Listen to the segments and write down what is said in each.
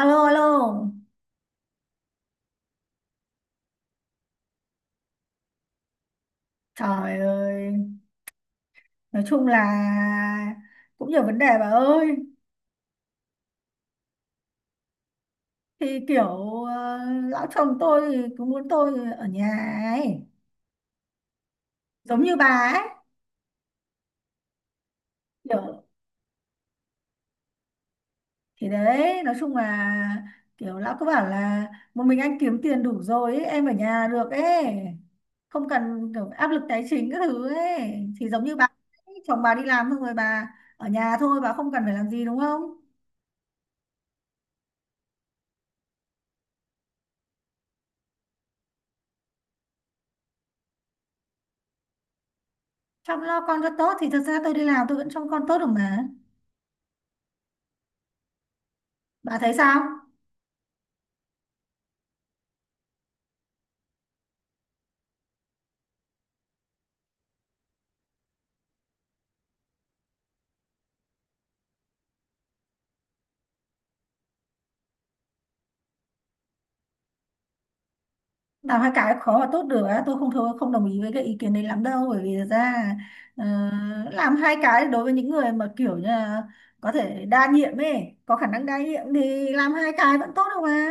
Alo, alo. Trời ơi, nói chung là cũng nhiều vấn đề bà ơi. Thì kiểu ờ, lão chồng tôi thì cứ muốn tôi ở nhà ấy, giống như bà ấy. Kiểu thì đấy, nói chung là kiểu lão cứ bảo là một mình anh kiếm tiền đủ rồi ấy, em ở nhà được ấy, không cần kiểu áp lực tài chính các thứ ấy. Thì giống như bà ấy, chồng bà đi làm xong rồi bà ở nhà thôi, bà không cần phải làm gì đúng không? Chăm lo con cho tốt thì thật ra tôi đi làm tôi vẫn trông con tốt được mà. Bà thấy sao? Làm hai cái khó và tốt được á, tôi không thôi không đồng ý với cái ý kiến đấy lắm đâu, bởi vì thật ra ờ, làm hai cái đối với những người mà kiểu như là có thể đa nhiệm ấy, có khả năng đa nhiệm thì làm hai cái vẫn tốt đâu mà.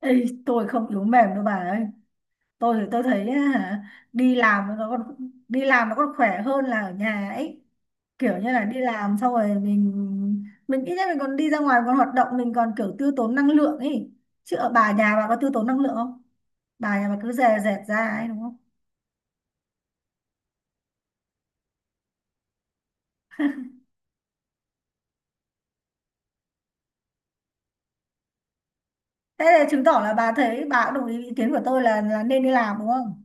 Ê, tôi không yếu mềm đâu bà ơi. Tôi thì tôi thấy á, hả, đi làm nó còn đi làm nó còn khỏe hơn là ở nhà ấy. Kiểu như là đi làm xong rồi mình ít nhất mình còn đi ra ngoài, còn hoạt động, mình còn kiểu tiêu tốn năng lượng ấy. Chứ ở bà, nhà bà có tiêu tốn năng lượng không? Bà nhà bà cứ dè dẹt ra ấy đúng không? Thế là chứng tỏ là bà thấy bà cũng đồng ý ý kiến của tôi là nên đi làm đúng không?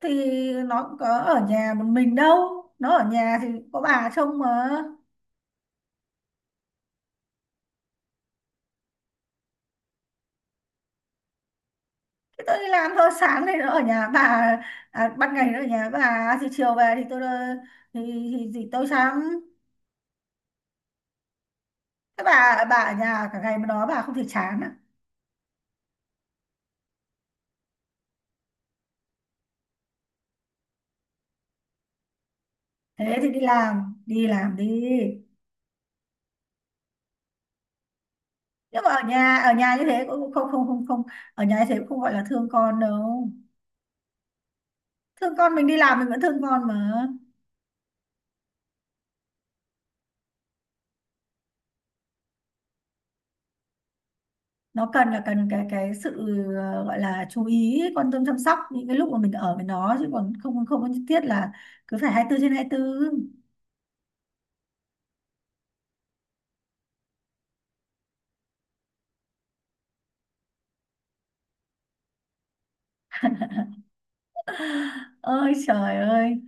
Thì nó cũng có ở nhà một mình đâu, nó ở nhà thì có bà trông mà. Thì tôi đi làm thôi, sáng thì nó ở nhà bà, à, ban ngày nó ở nhà bà thì chiều về thì tôi, thì thì tôi chán. Thế bà ở nhà cả ngày mà nói bà không thể chán à? Thế thì đi làm, đi làm đi. Nhưng mà ở nhà như thế cũng không không không không ở nhà như thế cũng không gọi là thương con đâu. Thương con, mình đi làm mình vẫn thương con mà. Nó cần là cần cái sự gọi là chú ý, quan tâm, chăm sóc những cái lúc mà mình ở với nó, chứ còn không không có nhất thiết là cứ phải 24/24. Ơi trời ơi,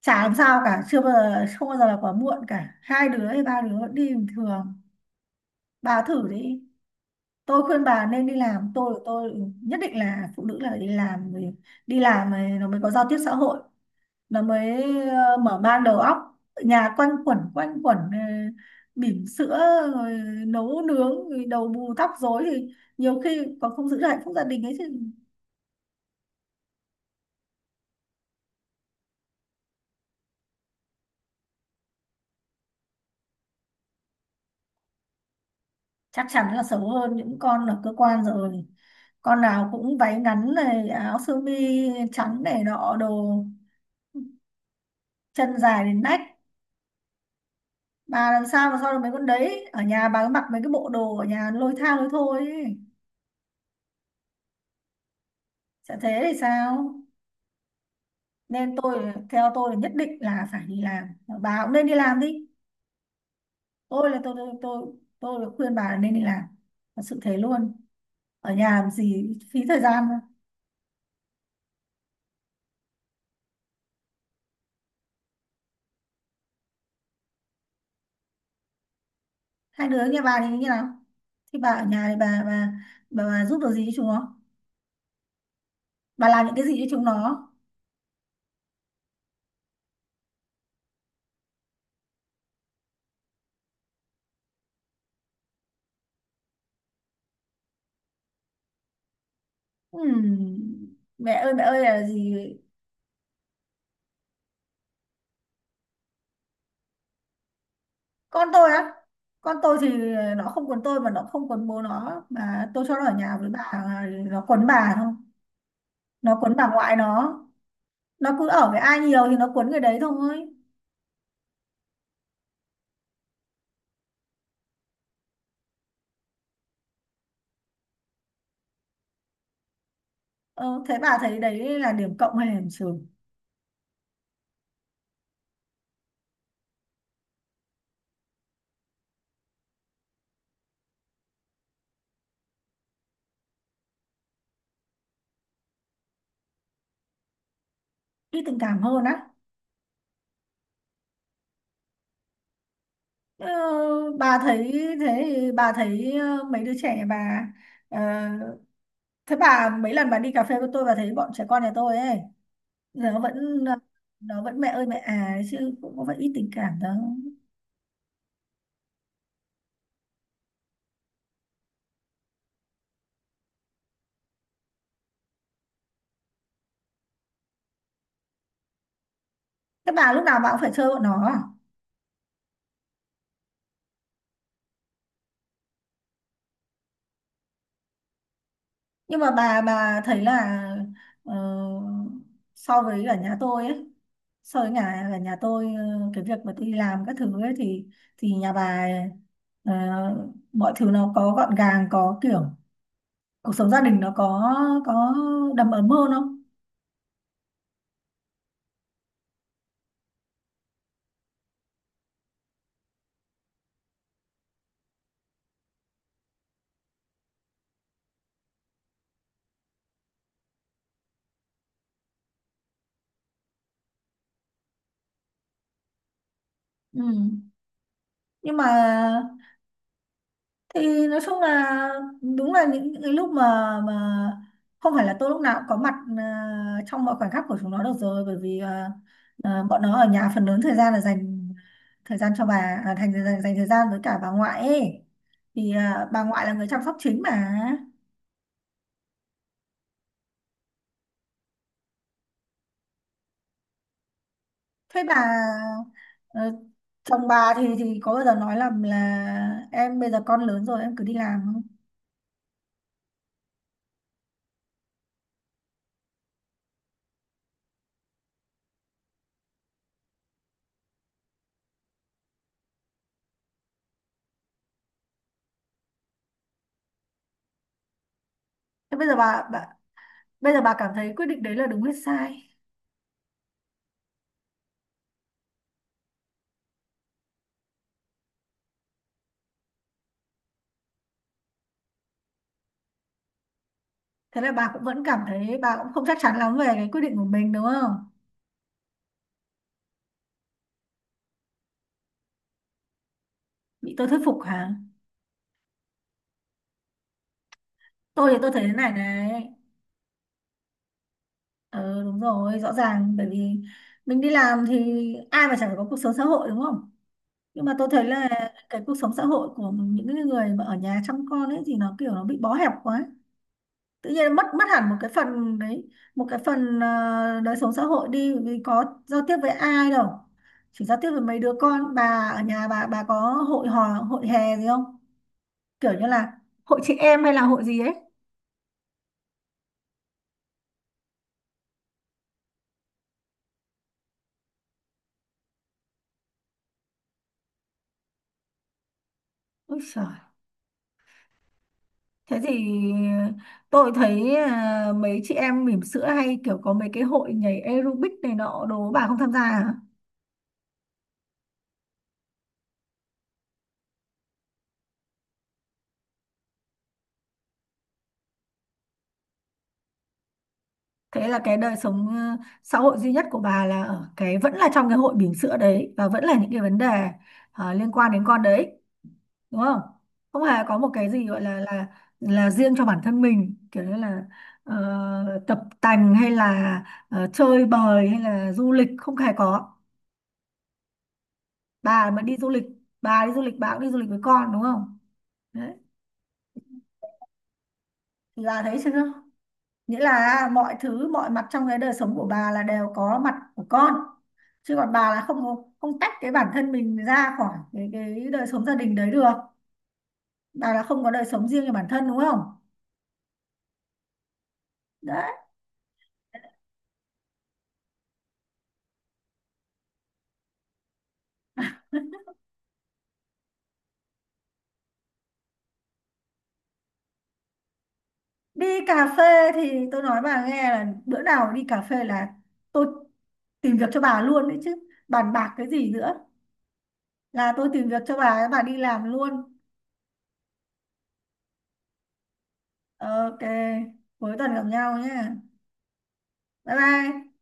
chả làm sao cả, chưa bao giờ không bao giờ là quá muộn cả, hai đứa hay ba đứa vẫn đi bình thường. Bà thử đi, tôi khuyên bà nên đi làm. Tôi nhất định là phụ nữ là phải đi làm rồi. Đi làm rồi nó mới có giao tiếp xã hội, nó mới mở mang đầu óc. Nhà quanh quẩn bỉm sữa rồi nấu nướng rồi đầu bù tóc rối thì nhiều khi còn không giữ được hạnh phúc gia đình ấy thì chắc chắn là xấu hơn những con ở cơ quan rồi. Con nào cũng váy ngắn này, áo sơ mi trắng này nọ đồ, chân dài đến nách. Bà làm sao mà so được mấy con đấy, ở nhà bà cứ mặc mấy cái bộ đồ ở nhà lôi tha lôi thôi ấy. Sẽ thế thì sao? Nên tôi, theo tôi là nhất định là phải đi làm. Bà cũng nên đi làm đi. Tôi là tôi khuyên bà là nên đi làm. Thật sự thế luôn. Ở nhà làm gì phí thời gian mà. Hai đứa nhà bà thì như nào? Thì bà ở nhà thì bà giúp được gì cho chúng nó, bà làm những cái gì cho chúng nó? Ừm, mẹ ơi là gì? Con tôi á, con tôi thì nó không quấn tôi, mà nó không quấn bố nó, mà tôi cho nó ở nhà với bà nó quấn bà thôi, nó quấn bà ngoại nó. Nó cứ ở với ai nhiều thì nó cuốn người đấy thôi. Ờ, Thế bà thấy đấy là điểm cộng hay là điểm trừ? Ít tình cảm hơn á? ờ, bà thấy, thế thì bà thấy mấy đứa trẻ bà, ờ, thế bà, mấy lần bà đi cà phê với tôi bà thấy bọn trẻ con nhà tôi ấy, nó vẫn nó vẫn mẹ ơi mẹ à ấy, chứ cũng có phải ít tình cảm đâu. Thế bà lúc nào bà cũng phải chơi bọn nó à? Nhưng mà bà thấy là ờ, so với ở nhà tôi ấy so với nhà ở nhà tôi, cái việc mà tôi đi làm các thứ ấy thì nhà bà, ờ, mọi thứ nó có gọn gàng, có kiểu cuộc sống gia đình nó có đầm ấm hơn không? Ừ. Nhưng mà thì nói chung là đúng là những cái lúc mà không phải là tôi lúc nào cũng có mặt trong mọi khoảnh khắc của chúng nó được rồi, bởi vì bọn nó ở nhà phần lớn thời gian là dành thời gian cho bà, à, thành dành thời gian với cả bà ngoại ấy thì, à, bà ngoại là người chăm sóc chính mà. Thế bà ờ, chồng bà thì có bao giờ nói là em bây giờ con lớn rồi em cứ đi làm không? Thế bây giờ bà cảm thấy quyết định đấy là đúng hay sai? Thế là bà cũng vẫn cảm thấy bà cũng không chắc chắn lắm về cái quyết định của mình đúng không? Bị tôi thuyết phục hả? Tôi thì tôi thấy thế này này. Ờ đúng rồi, rõ ràng bởi vì mình đi làm thì ai mà chẳng phải có cuộc sống xã hội đúng không? Nhưng mà tôi thấy là cái cuộc sống xã hội của những cái người mà ở nhà chăm con ấy thì nó kiểu nó bị bó hẹp quá, tự nhiên mất mất hẳn một cái phần đấy, một cái phần đời sống xã hội đi, vì có giao tiếp với ai đâu, chỉ giao tiếp với mấy đứa con. Bà ở nhà bà có hội hò hội hè gì không, kiểu như là hội chị em hay là hội gì ấy? Úi giời, thế thì tôi thấy, à, mấy chị em bỉm sữa hay kiểu có mấy cái hội nhảy aerobic này nọ đồ bà không tham gia à? Thế là cái đời sống xã hội duy nhất của bà là ở cái vẫn là trong cái hội bỉm sữa đấy, và vẫn là những cái vấn đề liên quan đến con đấy, đúng không? Không hề có một cái gì gọi là riêng cho bản thân mình, kiểu như là tập tành, hay là chơi bời, hay là du lịch, không hề có. bà mà đi du lịch bà đi du lịch bà cũng đi du lịch với con đúng không? Đấy, thì bà thấy chưa, nghĩa là mọi thứ, mọi mặt trong cái đời sống của bà là đều có mặt của con, chứ còn bà là không tách cái bản thân mình ra khỏi cái đời sống gia đình đấy được. Bà là không có đời sống riêng cho bản thân đúng không? Đấy. Đi cà phê thì tôi nói bà nghe là bữa nào đi cà phê là tôi tìm việc cho bà luôn đấy chứ, bàn bạc cái gì nữa, là tôi tìm việc cho bà đi làm luôn. Ờ, OK, cuối tuần gặp nhau nhé. Bye bye.